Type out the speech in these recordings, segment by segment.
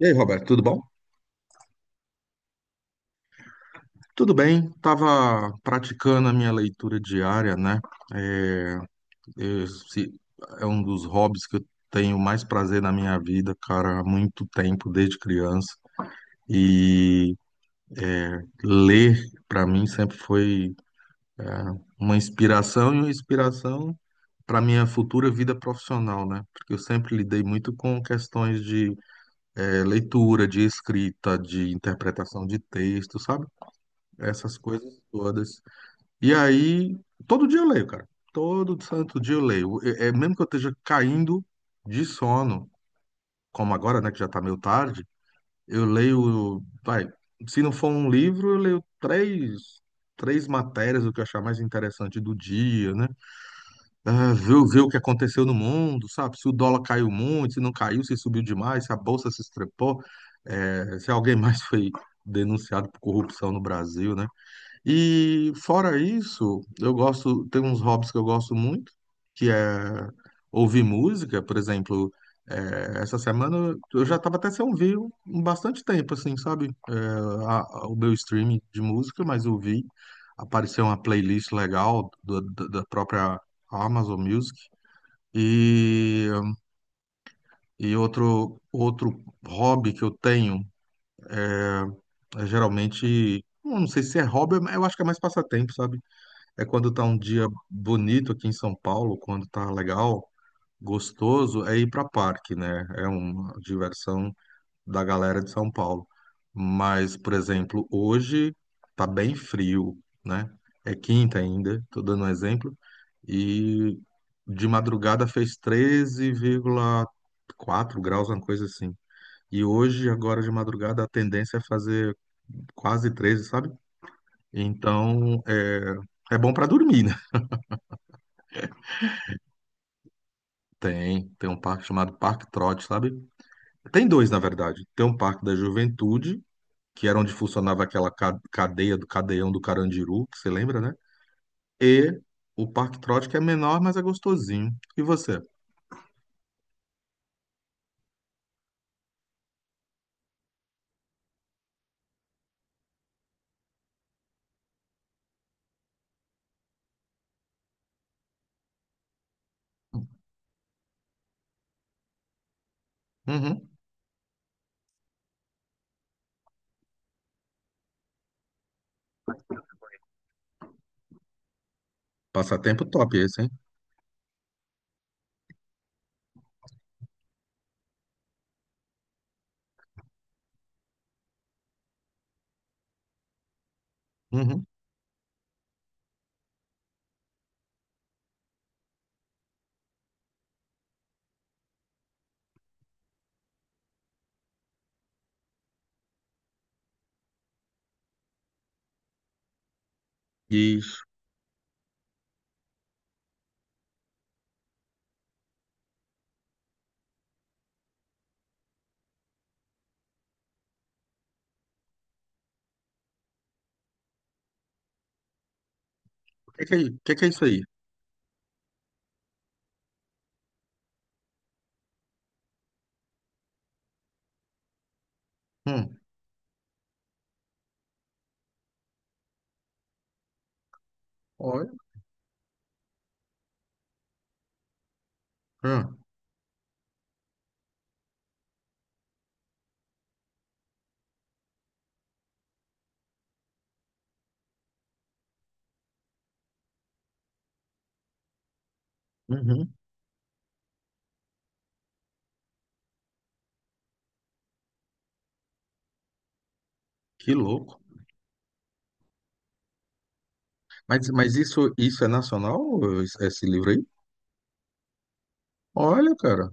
E aí, Roberto, tudo bom? Tudo bem, estava praticando a minha leitura diária, né? Esse é um dos hobbies que eu tenho mais prazer na minha vida, cara, há muito tempo, desde criança. E ler, para mim, sempre foi uma inspiração e uma inspiração para minha futura vida profissional, né? Porque eu sempre lidei muito com questões de leitura, de escrita, de interpretação de texto, sabe? Essas coisas todas. E aí, todo dia eu leio, cara. Todo santo dia eu leio. É, é mesmo que eu esteja caindo de sono, como agora, né, que já tá meio tarde, eu leio, vai, se não for um livro, eu leio três matérias, o que eu achar mais interessante do dia, né? Ah, ver o que aconteceu no mundo, sabe? Se o dólar caiu muito, se não caiu, se subiu demais, se a bolsa se estrepou, se alguém mais foi denunciado por corrupção no Brasil, né? E fora isso, eu gosto, tem uns hobbies que eu gosto muito, que é ouvir música, por exemplo, essa semana eu já estava até sem ouvir um bastante tempo, assim, sabe? O meu streaming de música, mas eu vi, apareceu uma playlist legal da própria Amazon Music. E, e outro hobby que eu tenho, eh, é geralmente, não sei se é hobby, mas eu acho que é mais passatempo, sabe? É quando tá um dia bonito aqui em São Paulo, quando tá legal, gostoso, é ir pra parque, né? É uma diversão da galera de São Paulo. Mas, por exemplo, hoje tá bem frio, né? É quinta ainda, tô dando um exemplo, e de madrugada fez 13,4 graus, uma coisa assim. E hoje, agora de madrugada, a tendência é fazer quase 13, sabe? Então, é, é bom pra dormir, né? Tem, tem um parque chamado Parque Trote, sabe? Tem dois, na verdade. Tem um Parque da Juventude, que era onde funcionava aquela cadeia do cadeião do Carandiru, que você lembra, né? E o Parque Trote, que é menor, mas é gostosinho. E você? Uhum. Passatempo top esse, hein? Uhum. Isso. O que que é isso aí? Hum. Olha. Hum. Uhum. Que louco. Mas isso, isso é nacional, esse livro aí? Olha, cara.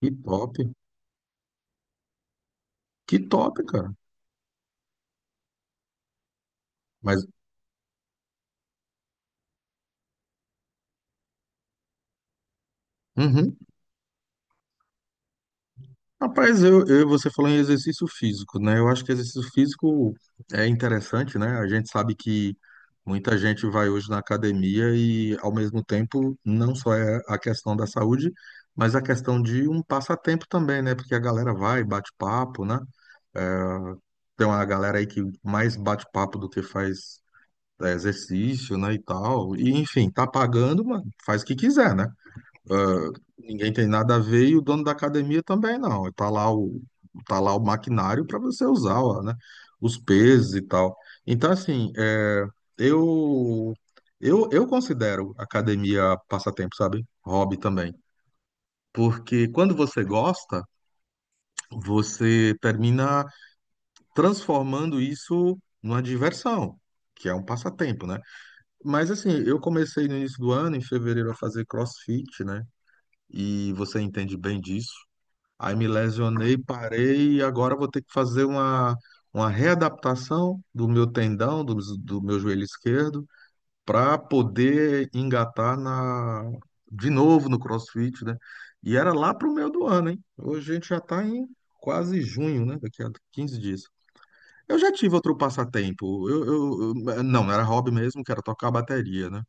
Que top. Que top, cara. Mas. Uhum. Rapaz, eu você falando em exercício físico, né? Eu acho que exercício físico é interessante, né? A gente sabe que muita gente vai hoje na academia e, ao mesmo tempo, não só é a questão da saúde, mas a questão de um passatempo também, né? Porque a galera vai, bate papo, né? Tem uma galera aí que mais bate papo do que faz exercício, né? E tal. E, enfim, tá pagando, mano, faz o que quiser, né? Ninguém tem nada a ver e o dono da academia também não. Tá lá o maquinário para você usar, ó, né? Os pesos e tal. Então, assim, é, eu, eu considero academia passatempo, sabe? Hobby também. Porque quando você gosta, você termina transformando isso numa diversão, que é um passatempo, né? Mas assim, eu comecei no início do ano, em fevereiro, a fazer CrossFit, né? E você entende bem disso. Aí me lesionei, parei e agora vou ter que fazer uma readaptação do meu tendão, do meu joelho esquerdo, para poder engatar na, de novo no CrossFit, né? E era lá pro meio do ano, hein? Hoje a gente já está em quase junho, né? Daqui a 15 dias. Eu já tive outro passatempo. Não, não era hobby mesmo, que era tocar bateria, né?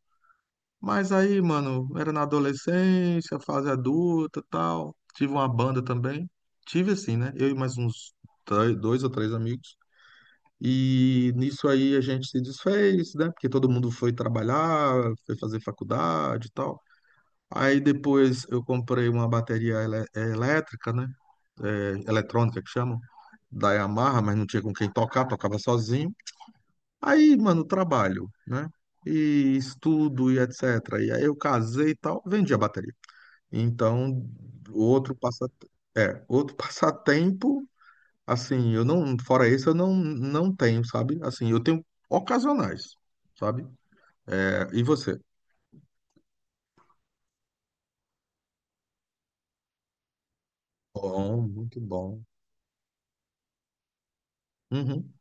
Mas aí, mano, era na adolescência, fase adulta, tal. Tive uma banda também. Tive assim, né? Eu e mais uns dois ou três amigos. E nisso aí a gente se desfez, né? Porque todo mundo foi trabalhar, foi fazer faculdade e tal. Aí depois eu comprei uma bateria elétrica, né? É, eletrônica que chamam, da Yamaha, mas não tinha com quem tocar, tocava sozinho. Aí, mano, trabalho, né? E estudo e etc. E aí eu casei e tal, vendi a bateria. Então, outro passa outro passatempo, assim, eu não, fora esse eu não tenho, sabe? Assim, eu tenho ocasionais, sabe? É, e você? Bom, muito bom. Uhum,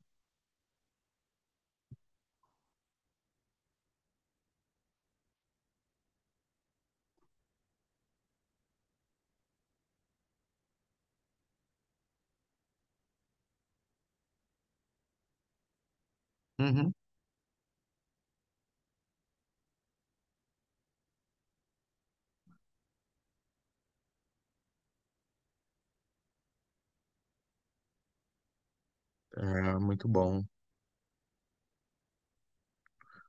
uhum. É, muito bom.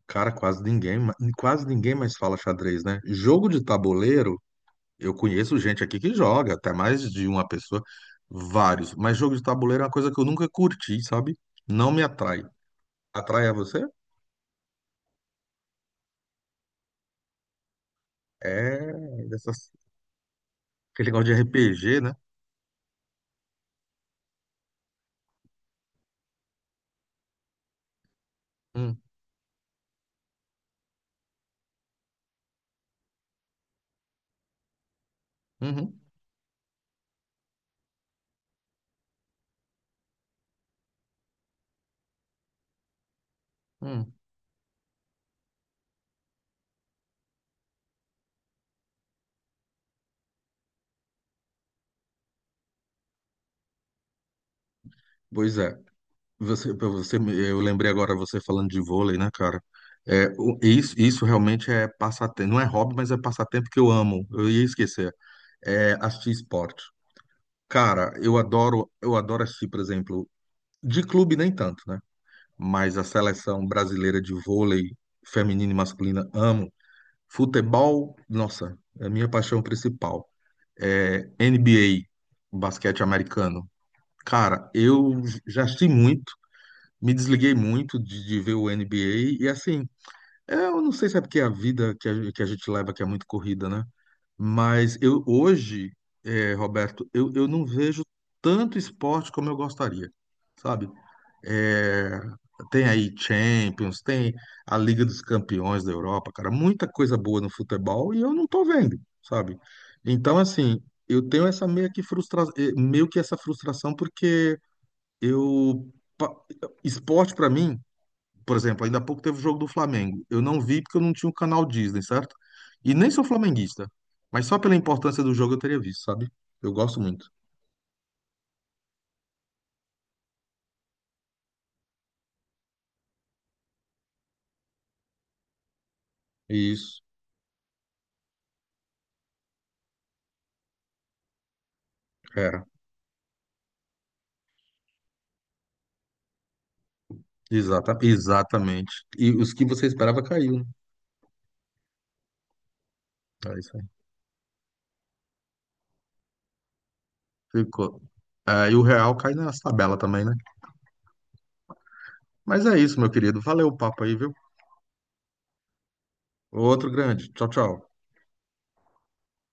Cara, quase ninguém mais fala xadrez, né? Jogo de tabuleiro. Eu conheço gente aqui que joga, até mais de uma pessoa, vários. Mas jogo de tabuleiro é uma coisa que eu nunca curti, sabe? Não me atrai. Atrai a você? É dessas, aquele negócio de RPG, né? Hum, uhum, hum. Pois é. Você, pra você, eu lembrei agora você falando de vôlei, né, cara? É, isso, isso realmente é passatempo. Não é hobby, mas é passatempo que eu amo. Eu ia esquecer. É assistir esporte. Cara, eu adoro assistir, por exemplo, de clube nem tanto, né? mas a seleção brasileira de vôlei feminina e masculina amo. Futebol, nossa, é a minha paixão principal. É NBA, basquete americano. Cara, eu já assisti muito, me desliguei muito de ver o NBA e assim, é, eu não sei se é porque a vida que a gente leva que é muito corrida, né? Mas eu hoje, Roberto, eu não vejo tanto esporte como eu gostaria, sabe? Eh, tem aí Champions, tem a Liga dos Campeões da Europa, cara, muita coisa boa no futebol e eu não tô vendo, sabe? Então, assim, eu tenho essa meio que frustra... meio que essa frustração porque eu pa- esporte pra mim por exemplo, ainda há pouco teve o jogo do Flamengo. Eu não vi porque eu não tinha o canal Disney, certo? E nem sou flamenguista. Mas só pela importância do jogo eu teria visto, sabe? Eu gosto muito. Isso. Era. Exatamente. E os que você esperava caiu, né? É isso aí. Ficou. É, e o Real cai nas tabela também, né? Mas é isso, meu querido. Valeu o papo aí, viu? Outro grande. Tchau, tchau.